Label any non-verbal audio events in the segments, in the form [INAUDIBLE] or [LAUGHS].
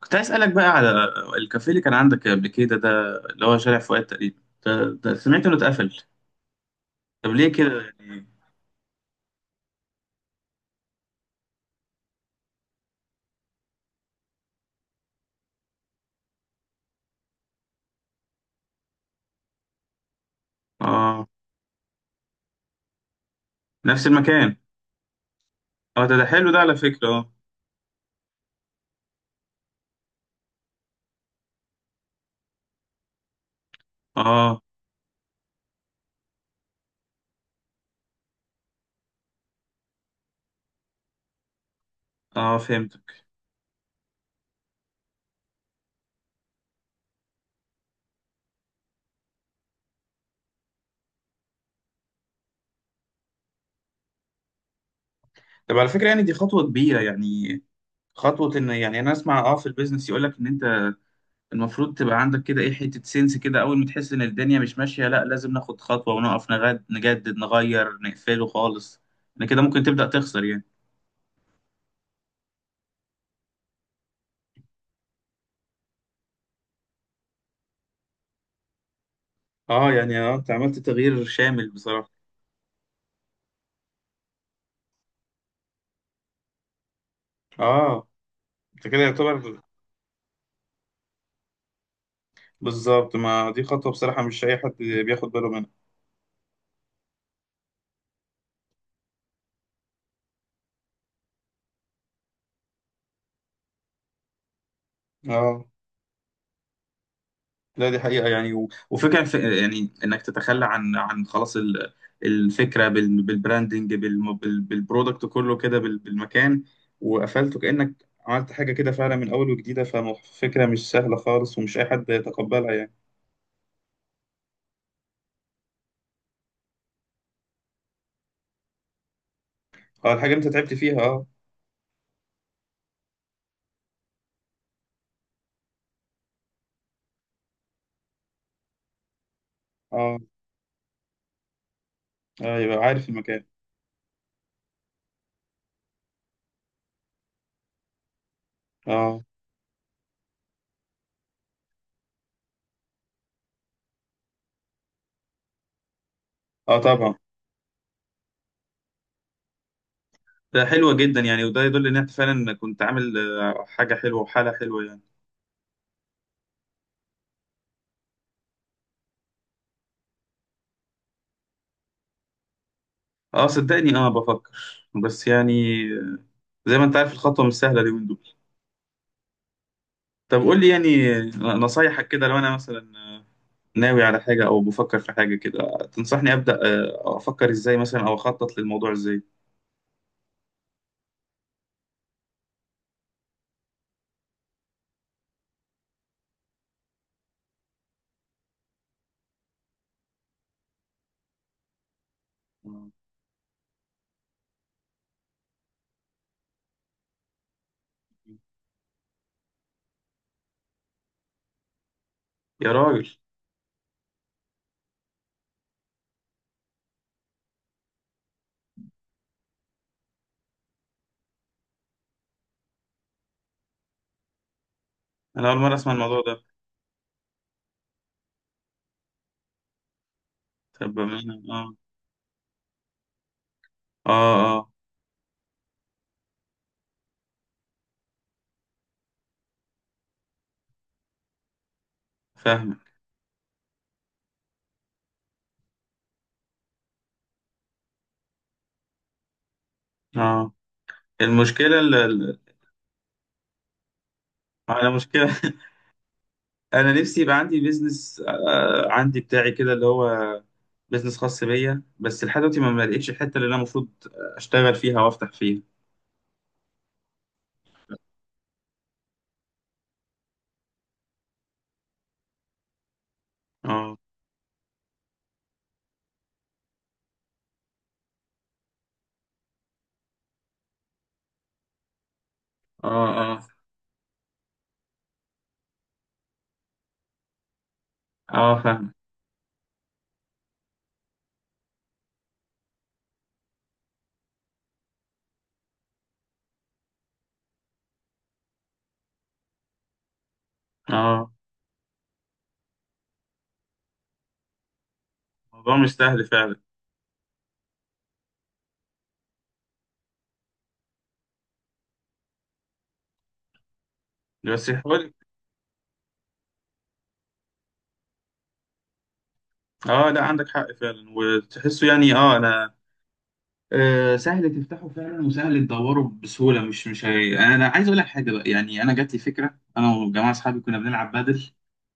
كنت عايز اسالك بقى على الكافيه اللي كان عندك قبل كده، ده اللي هو شارع فؤاد تقريبا. ده سمعت انه اتقفل. طب ليه كده يعني؟ اه، نفس المكان. اه، ده حلو ده على فكره، اه. اه، اه، فهمتك. طب على فكره، يعني دي خطوه كبيره يعني، خطوه ان يعني انا اسمع في البيزنس يقول لك ان انت المفروض تبقى عندك كده ايه حته سنس، كده اول ما تحس ان الدنيا مش ماشيه، لا لازم ناخد خطوه ونقف، نغد، نجدد، نغير، نقفله خالص، ان كده ممكن تبدا تخسر يعني. اه، يعني انت عملت تغيير شامل بصراحه. اه، انت كده يعتبر. بالظبط، ما دي خطوة بصراحة مش أي حد بياخد باله منها. اه، لا دي حقيقة يعني، و... وفكرة، يعني إنك تتخلى عن خلاص الفكرة بالبراندنج بالبرودكت كله كده بالمكان، وقفلته كأنك عملت حاجة كده فعلا من أول وجديدة، ففكرة مش سهلة خالص، ومش أي حد يتقبلها يعني. اه، الحاجة أنت تعبت فيها، اه. اه، يبقى عارف المكان. اه، اه، طبعا. ده حلوة جدا يعني، وده يدل ان انت فعلا كنت عامل حاجة حلوة وحالة حلوة يعني. اه، صدقني، بفكر، بس يعني، آه، زي ما انت عارف الخطوة مش سهلة اليومين دول. طب قول لي يعني نصايحك كده، لو انا مثلا ناوي على حاجة او بفكر في حاجة كده، تنصحني ابدأ افكر ازاي مثلا، او اخطط للموضوع ازاي؟ آه، يا راجل، انا اول مرة اسمع الموضوع ده. طب بأمانة، اه، اه، اه، فاهمك. اه، المشكلة على مشكلة [LAUGHS] انا نفسي يبقى عندي بيزنس، عندي بتاعي كده اللي هو بيزنس خاص بيا، بس لحد دلوقتي ما لقيتش الحته اللي انا المفروض اشتغل فيها وافتح فيها. اه، اه، اه، اه، فاهم. اه، الموضوع مش سهل فعلا. بس يحاول. اه، لا عندك حق فعلا وتحسه، يعني اه انا سهل تفتحه فعلا، وسهل تدوره بسهوله، مش انا عايز اقول لك حاجه بقى، يعني انا جات لي فكره انا وجماعه اصحابي كنا بنلعب بادل.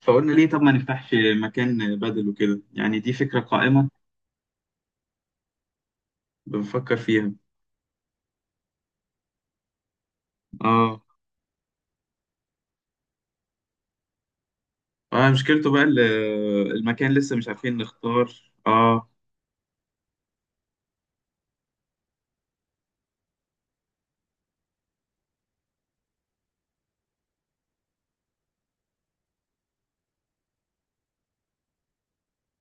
فقلنا ليه؟ طب ما نفتحش مكان بادل وكده، يعني دي فكره قائمه بنفكر فيها. اه، اه، مشكلته بقى المكان، لسه مش عارفين نختار، اه.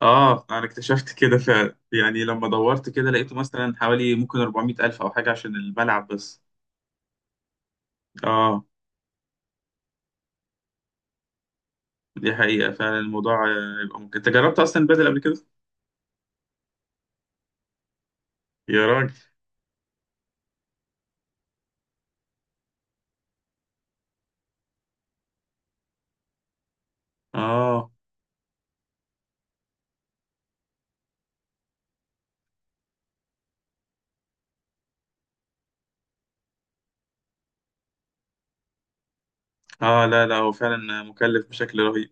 اه، انا اكتشفت كده فعلا، يعني لما دورت كده لقيته مثلا حوالي ممكن 400 الف او حاجه عشان الملعب بس. اه، دي حقيقه فعلا الموضوع، يبقى ممكن انت جربت اصلا البدل قبل كده؟ يا راجل، اه، اه، لا لا هو فعلا مكلف بشكل رهيب.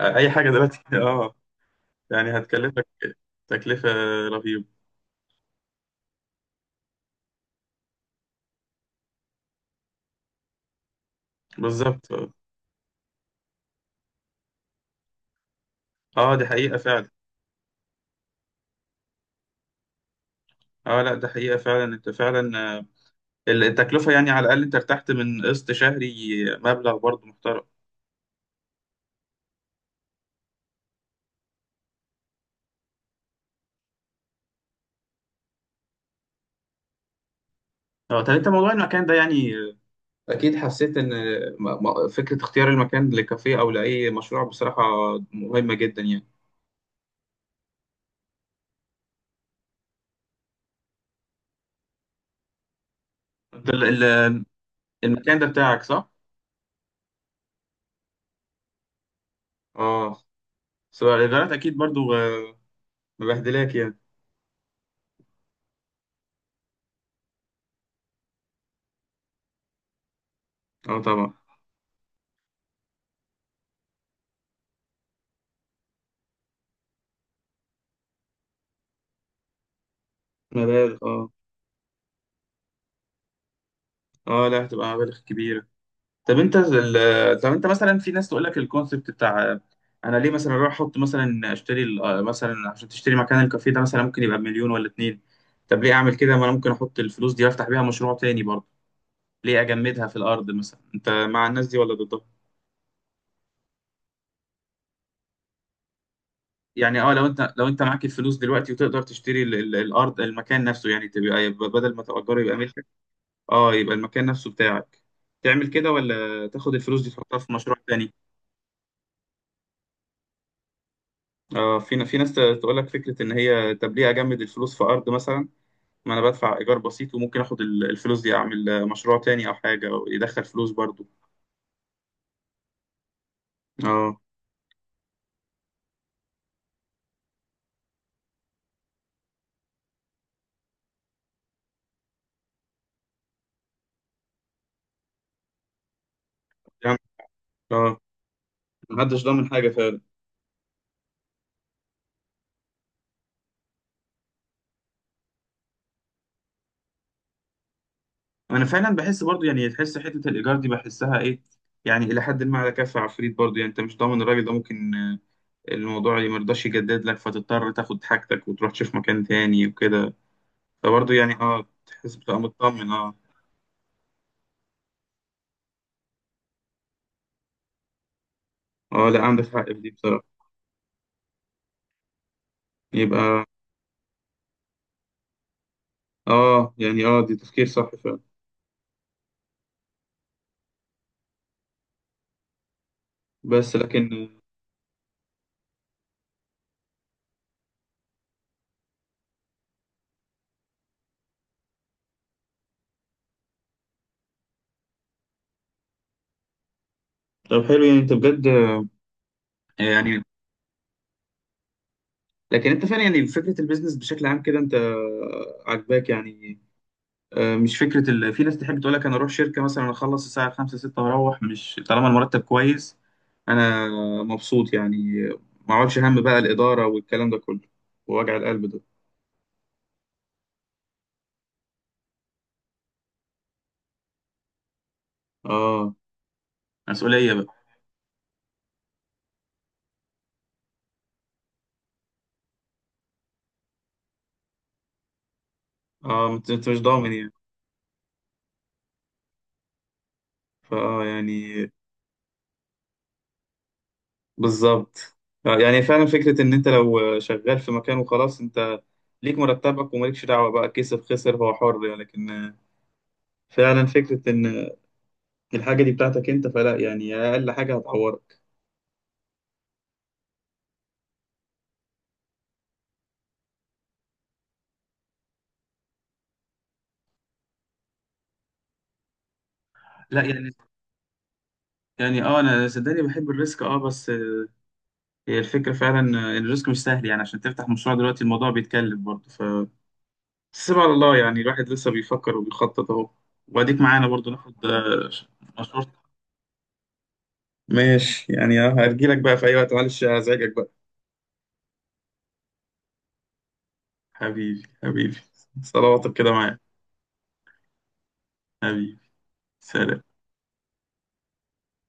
اي حاجه دلوقتي [LAUGHS] اه. يعني هتكلفك تكلفه رهيبه. بالظبط، اه. دي حقيقه فعلا. اه، لا ده حقيقه فعلا انت فعلا، التكلفة يعني، على الأقل أنت ارتحت من قسط شهري مبلغ برضه محترم. اه، طب أنت موضوع المكان ده يعني، أكيد حسيت إن فكرة اختيار المكان لكافيه أو لأي مشروع بصراحة مهمة جدا يعني. أنت المكان ده بتاعك، صح؟ اه، سواء الإيجارات أكيد برضه مبهدلاك يعني. اه، طبعا، مبالغ، اه. اه، لا هتبقى مبالغ كبيرة. طب انت مثلا، في ناس تقول لك الكونسيبت بتاع، انا ليه مثلا اروح احط مثلا اشتري مثلا عشان تشتري مكان الكافيه ده مثلا ممكن يبقى بمليون ولا اتنين. طب ليه اعمل كده؟ ما انا ممكن احط الفلوس دي وافتح بيها مشروع تاني برضه، ليه اجمدها في الارض مثلا؟ انت مع الناس دي ولا ضدها؟ يعني اه، لو انت معاك الفلوس دلوقتي وتقدر تشتري الارض، المكان نفسه، يعني يبقى بدل ما تأجره يبقى ملكك. اه، يبقى المكان نفسه بتاعك. تعمل كده ولا تاخد الفلوس دي تحطها في مشروع تاني؟ اه، في ناس تقول لك فكره، ان هي طب ليه اجمد الفلوس في ارض مثلا؟ ما انا بدفع ايجار بسيط وممكن اخد الفلوس دي اعمل مشروع تاني او حاجه، او يدخل فلوس برضو. اه، يعني- اه، محدش ضامن حاجه فعلا. انا فعلا بحس برضو يعني، تحس حته الايجار دي، بحسها ايه يعني، الى حد ما على كف عفريت برضو يعني، انت مش ضامن الراجل ده ممكن، الموضوع اللي مرضاش يجدد لك فتضطر تاخد حاجتك وتروح تشوف مكان تاني وكده. فبرضو يعني، اه تحس بتبقى مطمن، اه. اه، لا عندك حق في دي بصراحه. يبقى اه، يعني اه دي تفكير صح فعلا، بس لكن. طب حلو، يعني انت بجد يعني، لكن انت فعلا يعني فكره البيزنس بشكل عام كده، انت عاجباك يعني؟ مش فكره في ناس تحب تقول لك، انا اروح شركه مثلا اخلص الساعه 5 6 واروح، مش طالما المرتب كويس انا مبسوط يعني، ما اقعدش هم بقى الاداره والكلام ده كله، ووجع القلب ده. اه، مسؤوليه بقى. اه، أنت مش ضامن يعني. فاه يعني. بالظبط. يعني فعلا فكرة إن أنت لو شغال في مكان وخلاص، أنت ليك مرتبك ومالكش دعوة بقى، كسب خسر هو حر يعني، لكن فعلا فكرة إن الحاجة دي بتاعتك أنت، فلا يعني أقل حاجة هتعورك. لا يعني أه أنا صدقني بحب الريسك، أه بس هي الفكرة فعلا، الريسك مش سهل يعني، عشان تفتح مشروع دلوقتي الموضوع بيتكلف برضه، ف سيب على الله يعني، الواحد لسه بيفكر وبيخطط أهو، وأديك معانا برضه ناخد مشورتك. ماشي يعني، أه هرجيلك بقى في أي وقت، معلش هزعجك بقى. حبيبي، حبيبي. صلواتك كده معايا. حبيبي، سلام.